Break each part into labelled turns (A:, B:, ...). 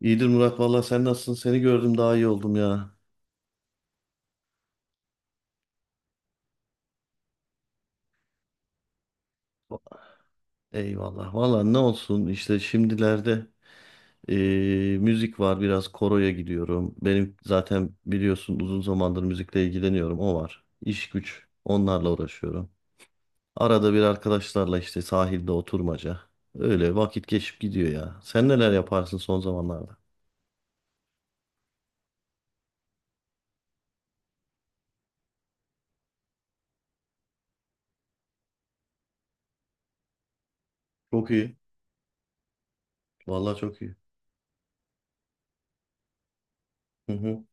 A: İyidir Murat valla sen nasılsın? Seni gördüm daha iyi oldum ya. Eyvallah. Valla ne olsun işte şimdilerde müzik var biraz koroya gidiyorum. Benim zaten biliyorsun uzun zamandır müzikle ilgileniyorum o var. İş güç onlarla uğraşıyorum. Arada bir arkadaşlarla işte sahilde oturmaca. Öyle vakit geçip gidiyor ya. Sen neler yaparsın son zamanlarda? Çok iyi. Valla çok iyi. Hı hı.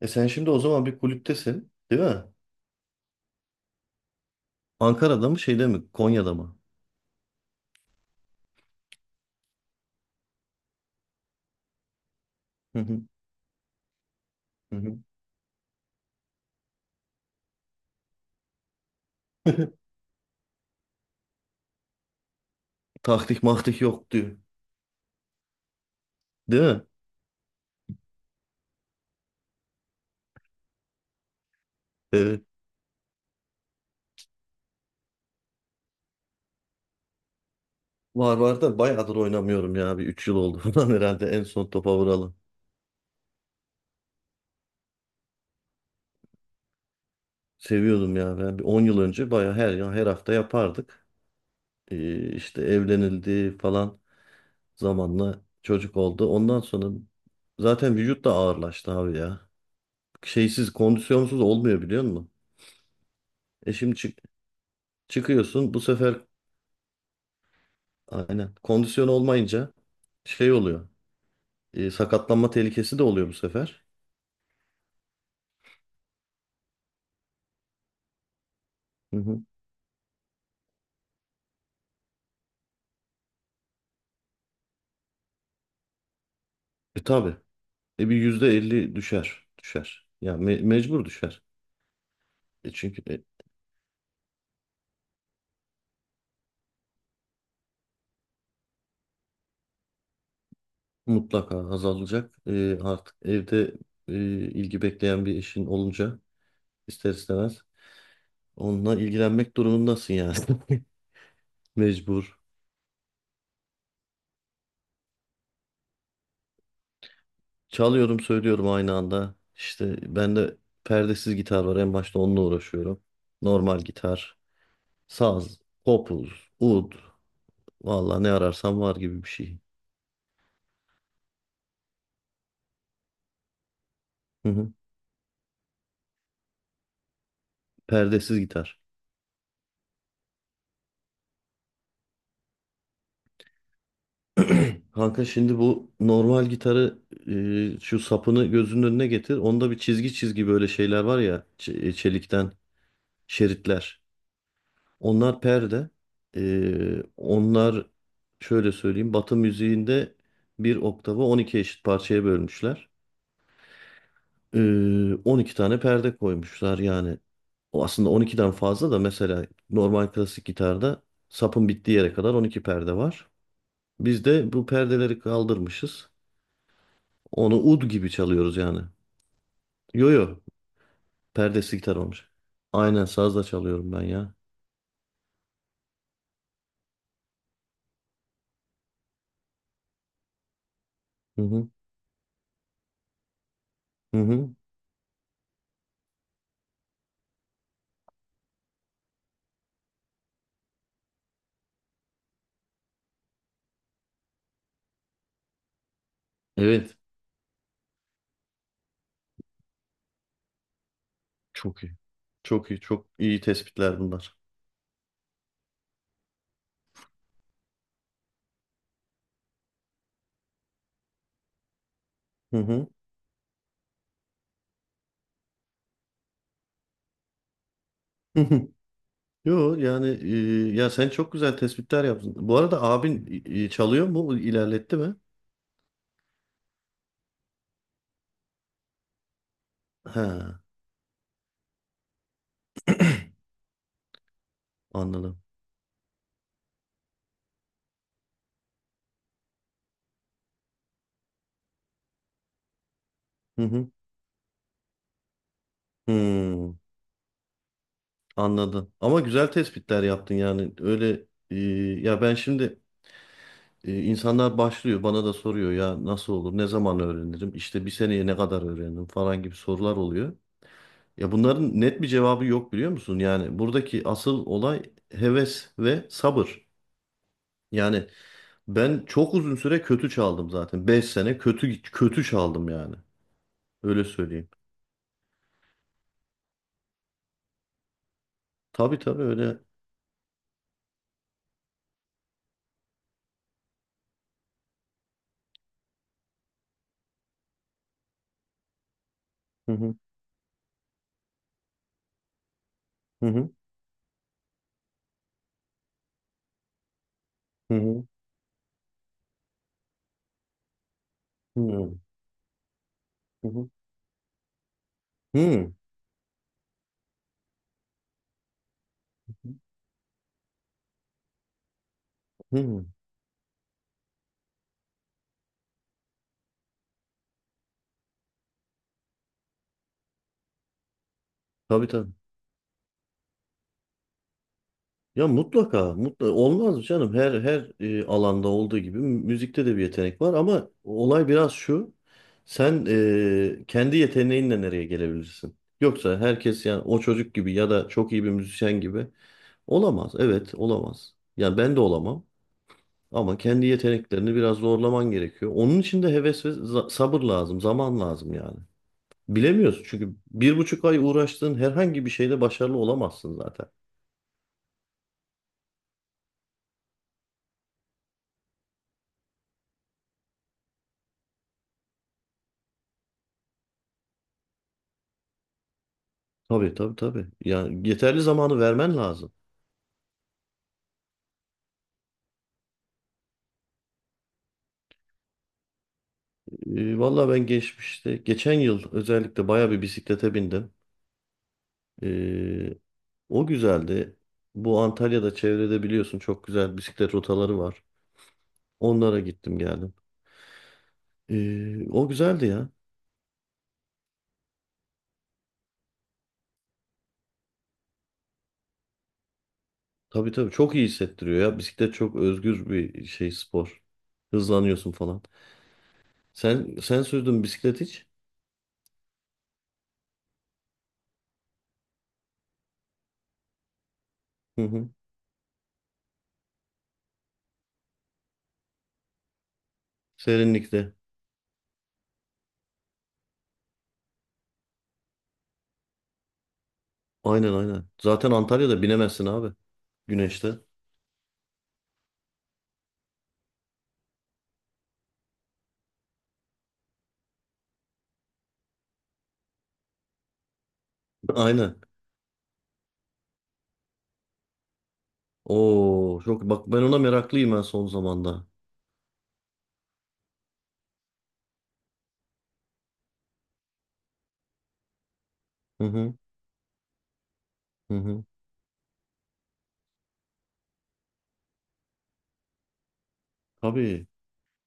A: E sen şimdi o zaman bir kulüptesin, değil mi? Ankara'da mı şeyde mi? Konya'da mı? Hı hı. Hı hı. Taktik maktik yok diyor. Değil mi? Evet. Var var da bayağıdır oynamıyorum ya. Bir 3 yıl oldu falan herhalde en son topa vuralım. Seviyordum ya ben. Bir 10 yıl önce bayağı her hafta yapardık. İşte evlenildi falan zamanla çocuk oldu. Ondan sonra zaten vücut da ağırlaştı abi ya. Şeysiz kondisyonsuz olmuyor biliyor musun? E şimdi çıkıyorsun bu sefer aynen kondisyon olmayınca şey oluyor. Sakatlanma tehlikesi de oluyor bu sefer. Hı hı. E tabii. E bir %50 düşer. Düşer. Ya mecbur düşer. E çünkü mutlaka azalacak. E, artık evde e, ilgi bekleyen bir eşin olunca ister istemez onunla ilgilenmek durumundasın yani. Mecbur. Çalıyorum söylüyorum aynı anda. İşte bende perdesiz gitar var. En başta onunla uğraşıyorum. Normal gitar, saz, kopuz, ud. Valla ne ararsam var gibi bir şey. Hı hı. Perdesiz gitar. Kanka şimdi bu normal gitarı şu sapını gözünün önüne getir. Onda bir çizgi çizgi böyle şeyler var ya çelikten şeritler. Onlar perde. E, onlar şöyle söyleyeyim Batı müziğinde bir oktavı 12 eşit parçaya bölmüşler. E, 12 tane perde koymuşlar yani. O aslında 12'den fazla da mesela normal klasik gitarda sapın bittiği yere kadar 12 perde var. Biz de bu perdeleri kaldırmışız. Onu ud gibi çalıyoruz yani. Yo yo. Perdesi gitar olmuş. Aynen sazla çalıyorum ben ya. Hı hı. Hı hı. Evet. Çok iyi. Çok iyi. Çok iyi tespitler bunlar. Hı hı. Hı hı. Yo yani ya sen çok güzel tespitler yaptın. Bu arada abin çalıyor mu? İlerletti mi? Ha, anladım. Hı hı. Hmm, anladım. Ama güzel tespitler yaptın yani. Öyle e, ya ben şimdi, insanlar başlıyor bana da soruyor ya nasıl olur ne zaman öğrenirim işte bir seneye ne kadar öğrenirim falan gibi sorular oluyor. Ya bunların net bir cevabı yok biliyor musun? Yani buradaki asıl olay heves ve sabır. Yani ben çok uzun süre kötü çaldım zaten. 5 sene kötü kötü çaldım yani. Öyle söyleyeyim. Tabii tabii öyle. Hı hı hı hı hı hı hı hı hı. Hı. Hı. Tabii tabii. Ya mutlaka, mutlaka olmaz mı canım? Her alanda olduğu gibi müzikte de bir yetenek var ama olay biraz şu. Sen kendi yeteneğinle nereye gelebilirsin? Yoksa herkes yani o çocuk gibi ya da çok iyi bir müzisyen gibi olamaz. Evet, olamaz. Yani ben de olamam ama kendi yeteneklerini biraz zorlaman gerekiyor. Onun için de heves ve sabır lazım, zaman lazım yani. Bilemiyorsun çünkü 1,5 ay uğraştığın herhangi bir şeyde başarılı olamazsın zaten. Tabii tabii tabii. Ya yeterli zamanı vermen lazım. Valla ben geçmişte, geçen yıl özellikle baya bir bisiklete bindim. Ee, o güzeldi. Bu Antalya'da çevrede biliyorsun çok güzel bisiklet rotaları var. Onlara gittim geldim. O güzeldi ya. Tabii tabii çok iyi hissettiriyor ya. Bisiklet çok özgür bir şey spor. Hızlanıyorsun falan. Sen sürdün bisiklet hiç? Hı hı. Serinlikte. Aynen aynen. Zaten Antalya'da binemezsin abi güneşte. Aynen. Oo çok bak ben ona meraklıyım ben son zamanda. Hı hı hı hı. Tabii.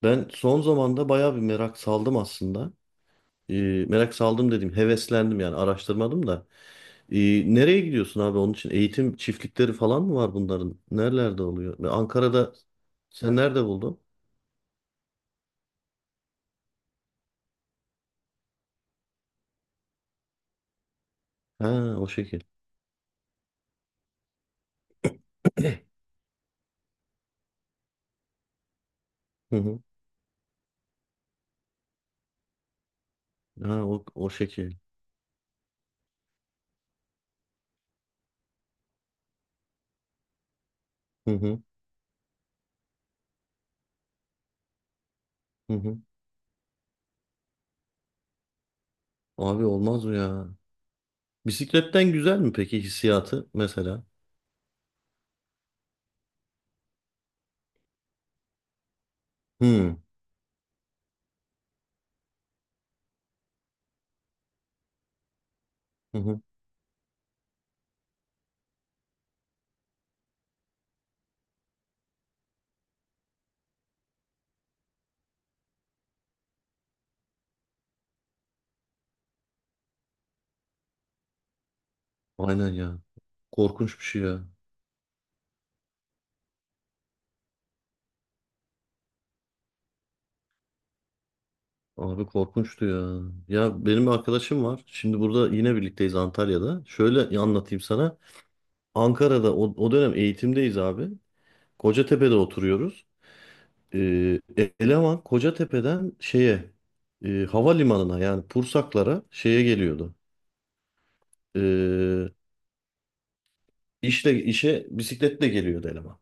A: Ben son zamanda bayağı bir merak saldım aslında. Ee, merak saldım dedim, heveslendim yani araştırmadım da. Nereye gidiyorsun abi onun için? Eğitim çiftlikleri falan mı var bunların? Nerelerde oluyor? Ve Ankara'da sen nerede buldun? Ha o şekil. Hı hı. Ha o şekil. Hı hı hı hı. Abi olmaz mı ya? Bisikletten güzel mi peki hissiyatı mesela? Hı hı hı. Aynen ya. Korkunç bir şey ya. Abi korkunçtu ya. Ya benim bir arkadaşım var. Şimdi burada yine birlikteyiz Antalya'da. Şöyle anlatayım sana. Ankara'da o dönem eğitimdeyiz abi. Kocatepe'de oturuyoruz. Ee, eleman Kocatepe'den şeye havalimanına yani Pursaklara şeye geliyordu. Ee, işle işe bisikletle geliyordu eleman.